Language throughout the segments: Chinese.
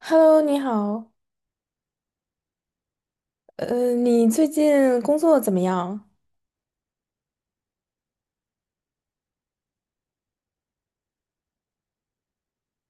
Hello，你好，你最近工作怎么样？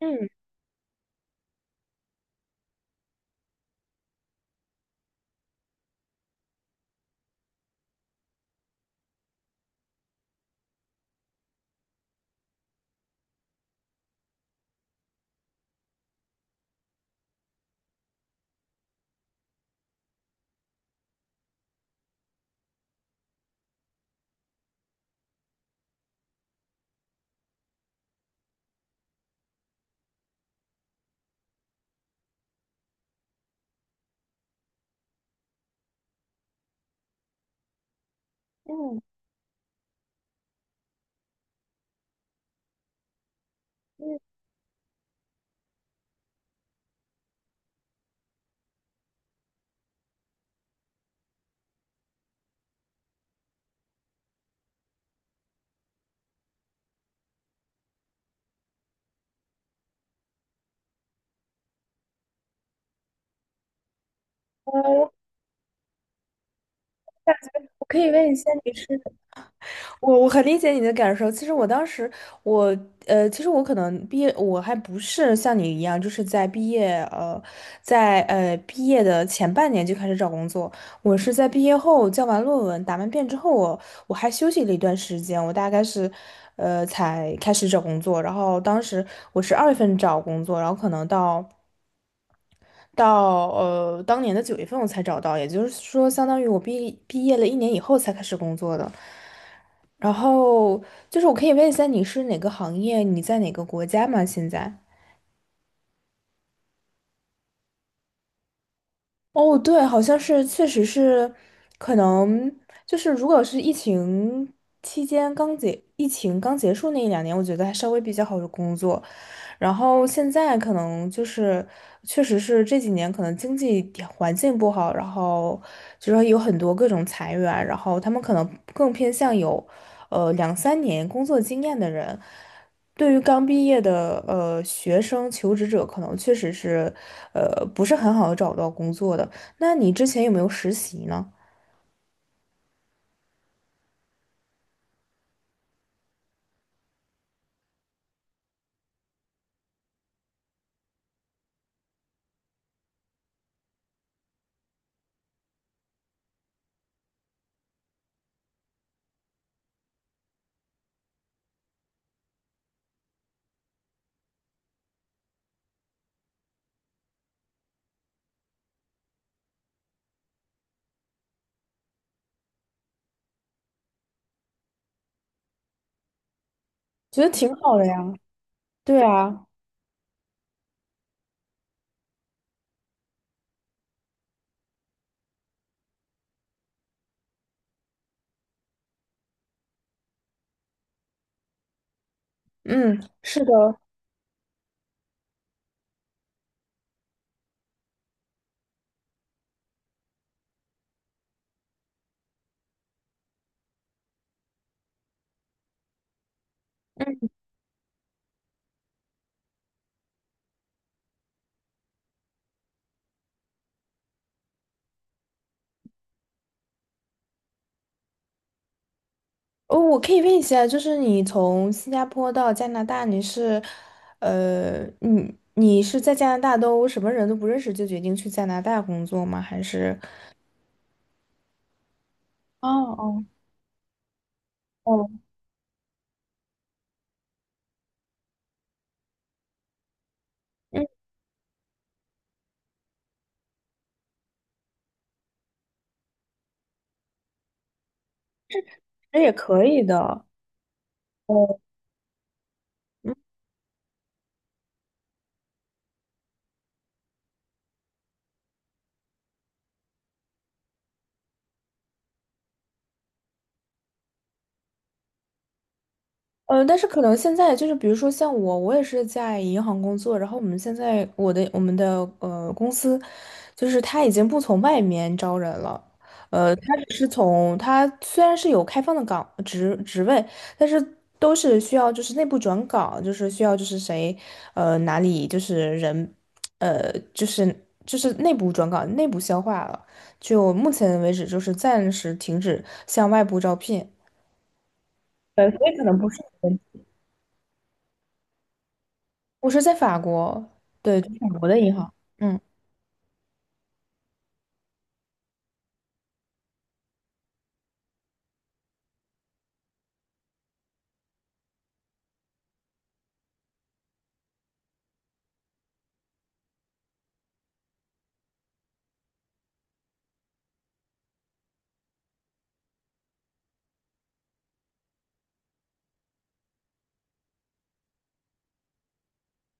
嗯嗯嗯，我感觉我可以问一下你是我很理解你的感受。其实我当时，我其实我可能毕业，我还不是像你一样，就是在毕业在毕业的前半年就开始找工作。我是在毕业后交完论文、答完辩之后，我还休息了一段时间，我大概是才开始找工作。然后当时我是2月份找工作，然后可能到。到当年的9月份我才找到，也就是说，相当于我毕业了一年以后才开始工作的。然后就是我可以问一下你是哪个行业，你在哪个国家吗？现在？哦，对，好像是，确实是，可能就是如果是疫情期间刚结，疫情刚结束那一两年，我觉得还稍微比较好的工作，然后现在可能就是，确实是这几年可能经济条环境不好，然后就说有很多各种裁员，然后他们可能更偏向有，2、3年工作经验的人，对于刚毕业的学生求职者，可能确实是，不是很好的找到工作的。那你之前有没有实习呢？觉得挺好的呀。对啊，嗯，是的。哦，我可以问一下，就是你从新加坡到加拿大，你是，你是在加拿大都什么人都不认识就决定去加拿大工作吗？还是，哦哦哦，嗯这也可以的。哦。嗯。呃，但是可能现在就是，比如说像我，我也是在银行工作，然后我们现在我们的公司，就是他已经不从外面招人了，他只是从他虽然是有开放的职位，但是都是需要就是内部转岗，就是需要就是谁呃哪里就是人呃就是就是内部转岗内部消化了，就目前为止就是暂时停止向外部招聘，所以可能不是。我是在法国，对，就是法国的银行。嗯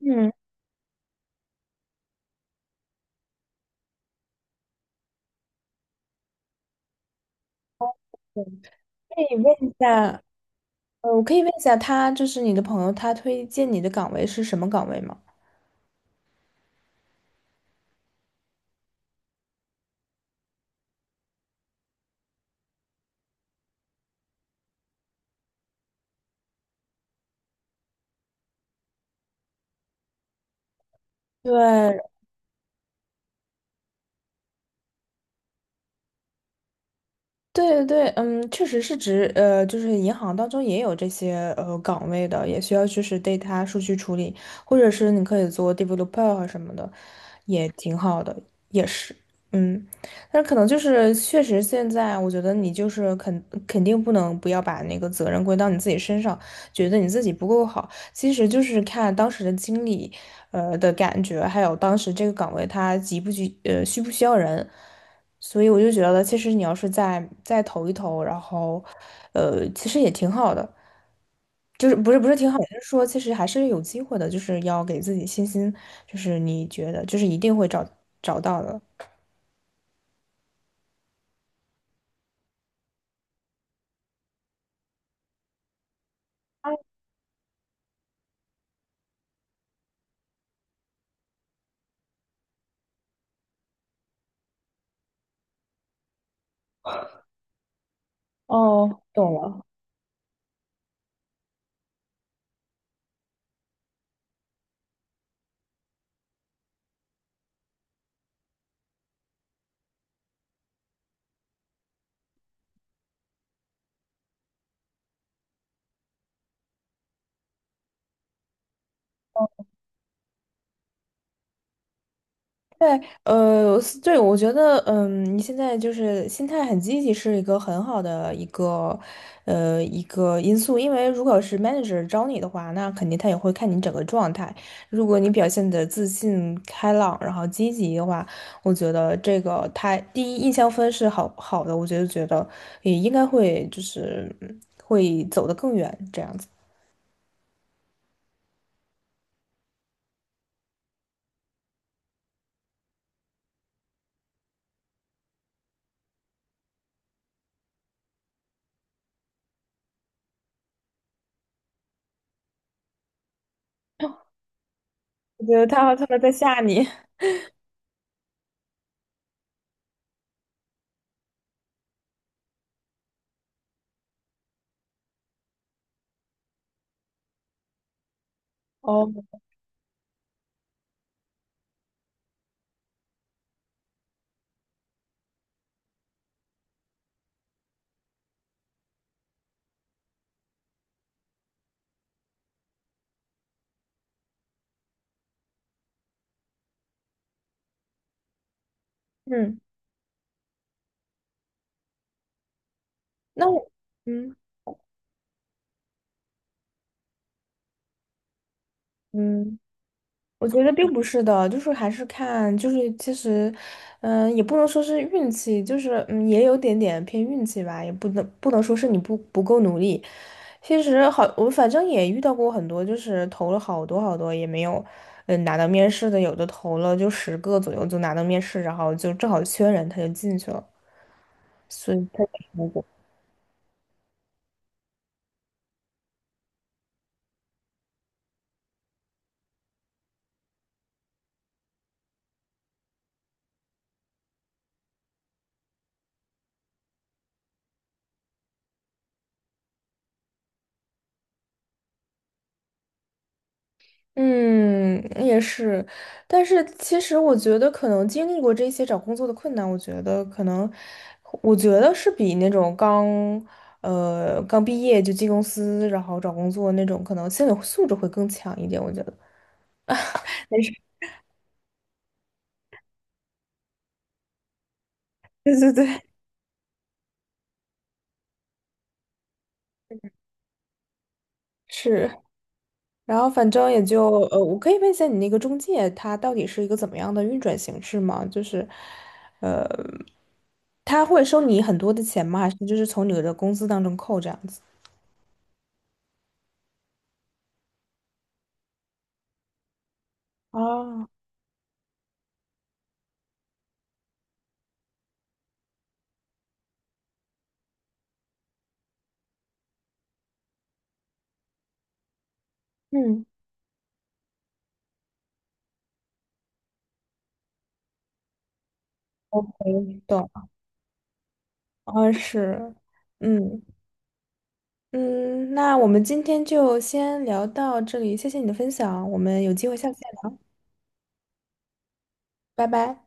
嗯，对可以问一下，我可以问一下他，就是你的朋友，他推荐你的岗位是什么岗位吗？对，对对对，嗯，确实是指就是银行当中也有这些岗位的，也需要就是 data 数据处理，或者是你可以做 developer 啊什么的，也挺好的，也是，嗯，但是可能就是确实现在我觉得你就是肯定不能不要把那个责任归到你自己身上，觉得你自己不够好。其实就是看当时的经理，的感觉，还有当时这个岗位他急不急，需不需要人。所以我就觉得，其实你要是再投一投，然后，其实也挺好的，就是不是挺好，就是说其实还是有机会的，就是要给自己信心，就是你觉得就是一定会找到的。哦，懂了。对，是对，我觉得，嗯，你现在就是心态很积极，是一个很好的一个，一个因素。因为如果是 manager 招你的话，那肯定他也会看你整个状态。如果你表现的自信、开朗，然后积极的话，我觉得这个他第一印象分是好好的，我觉得也应该会就是会走得更远这样子。我觉得他们在吓你。哦，嗯，那我，嗯嗯。我觉得并不是的，就是还是看，就是其实，嗯、也不能说是运气，就是嗯，也有点点偏运气吧，也不能说是你不够努力。其实好，我反正也遇到过很多，就是投了好多好多也没有，嗯，拿到面试的，有的投了就10个左右就拿到面试，然后就正好缺人，他就进去了，所以他。嗯，也是，但是其实我觉得，可能经历过这些找工作的困难，我觉得可能，我觉得是比那种刚，刚毕业就进公司，然后找工作那种，可能心理素质会更强一点。我觉得 对对对，是，然后反正也就，我可以问一下你那个中介，它到底是一个怎么样的运转形式吗？就是，呃，他会收你很多的钱吗？还是就是从你的工资当中扣这样子？啊，嗯。OK，懂，啊是，嗯嗯，那我们今天就先聊到这里，谢谢你的分享，我们有机会下次再聊，拜拜。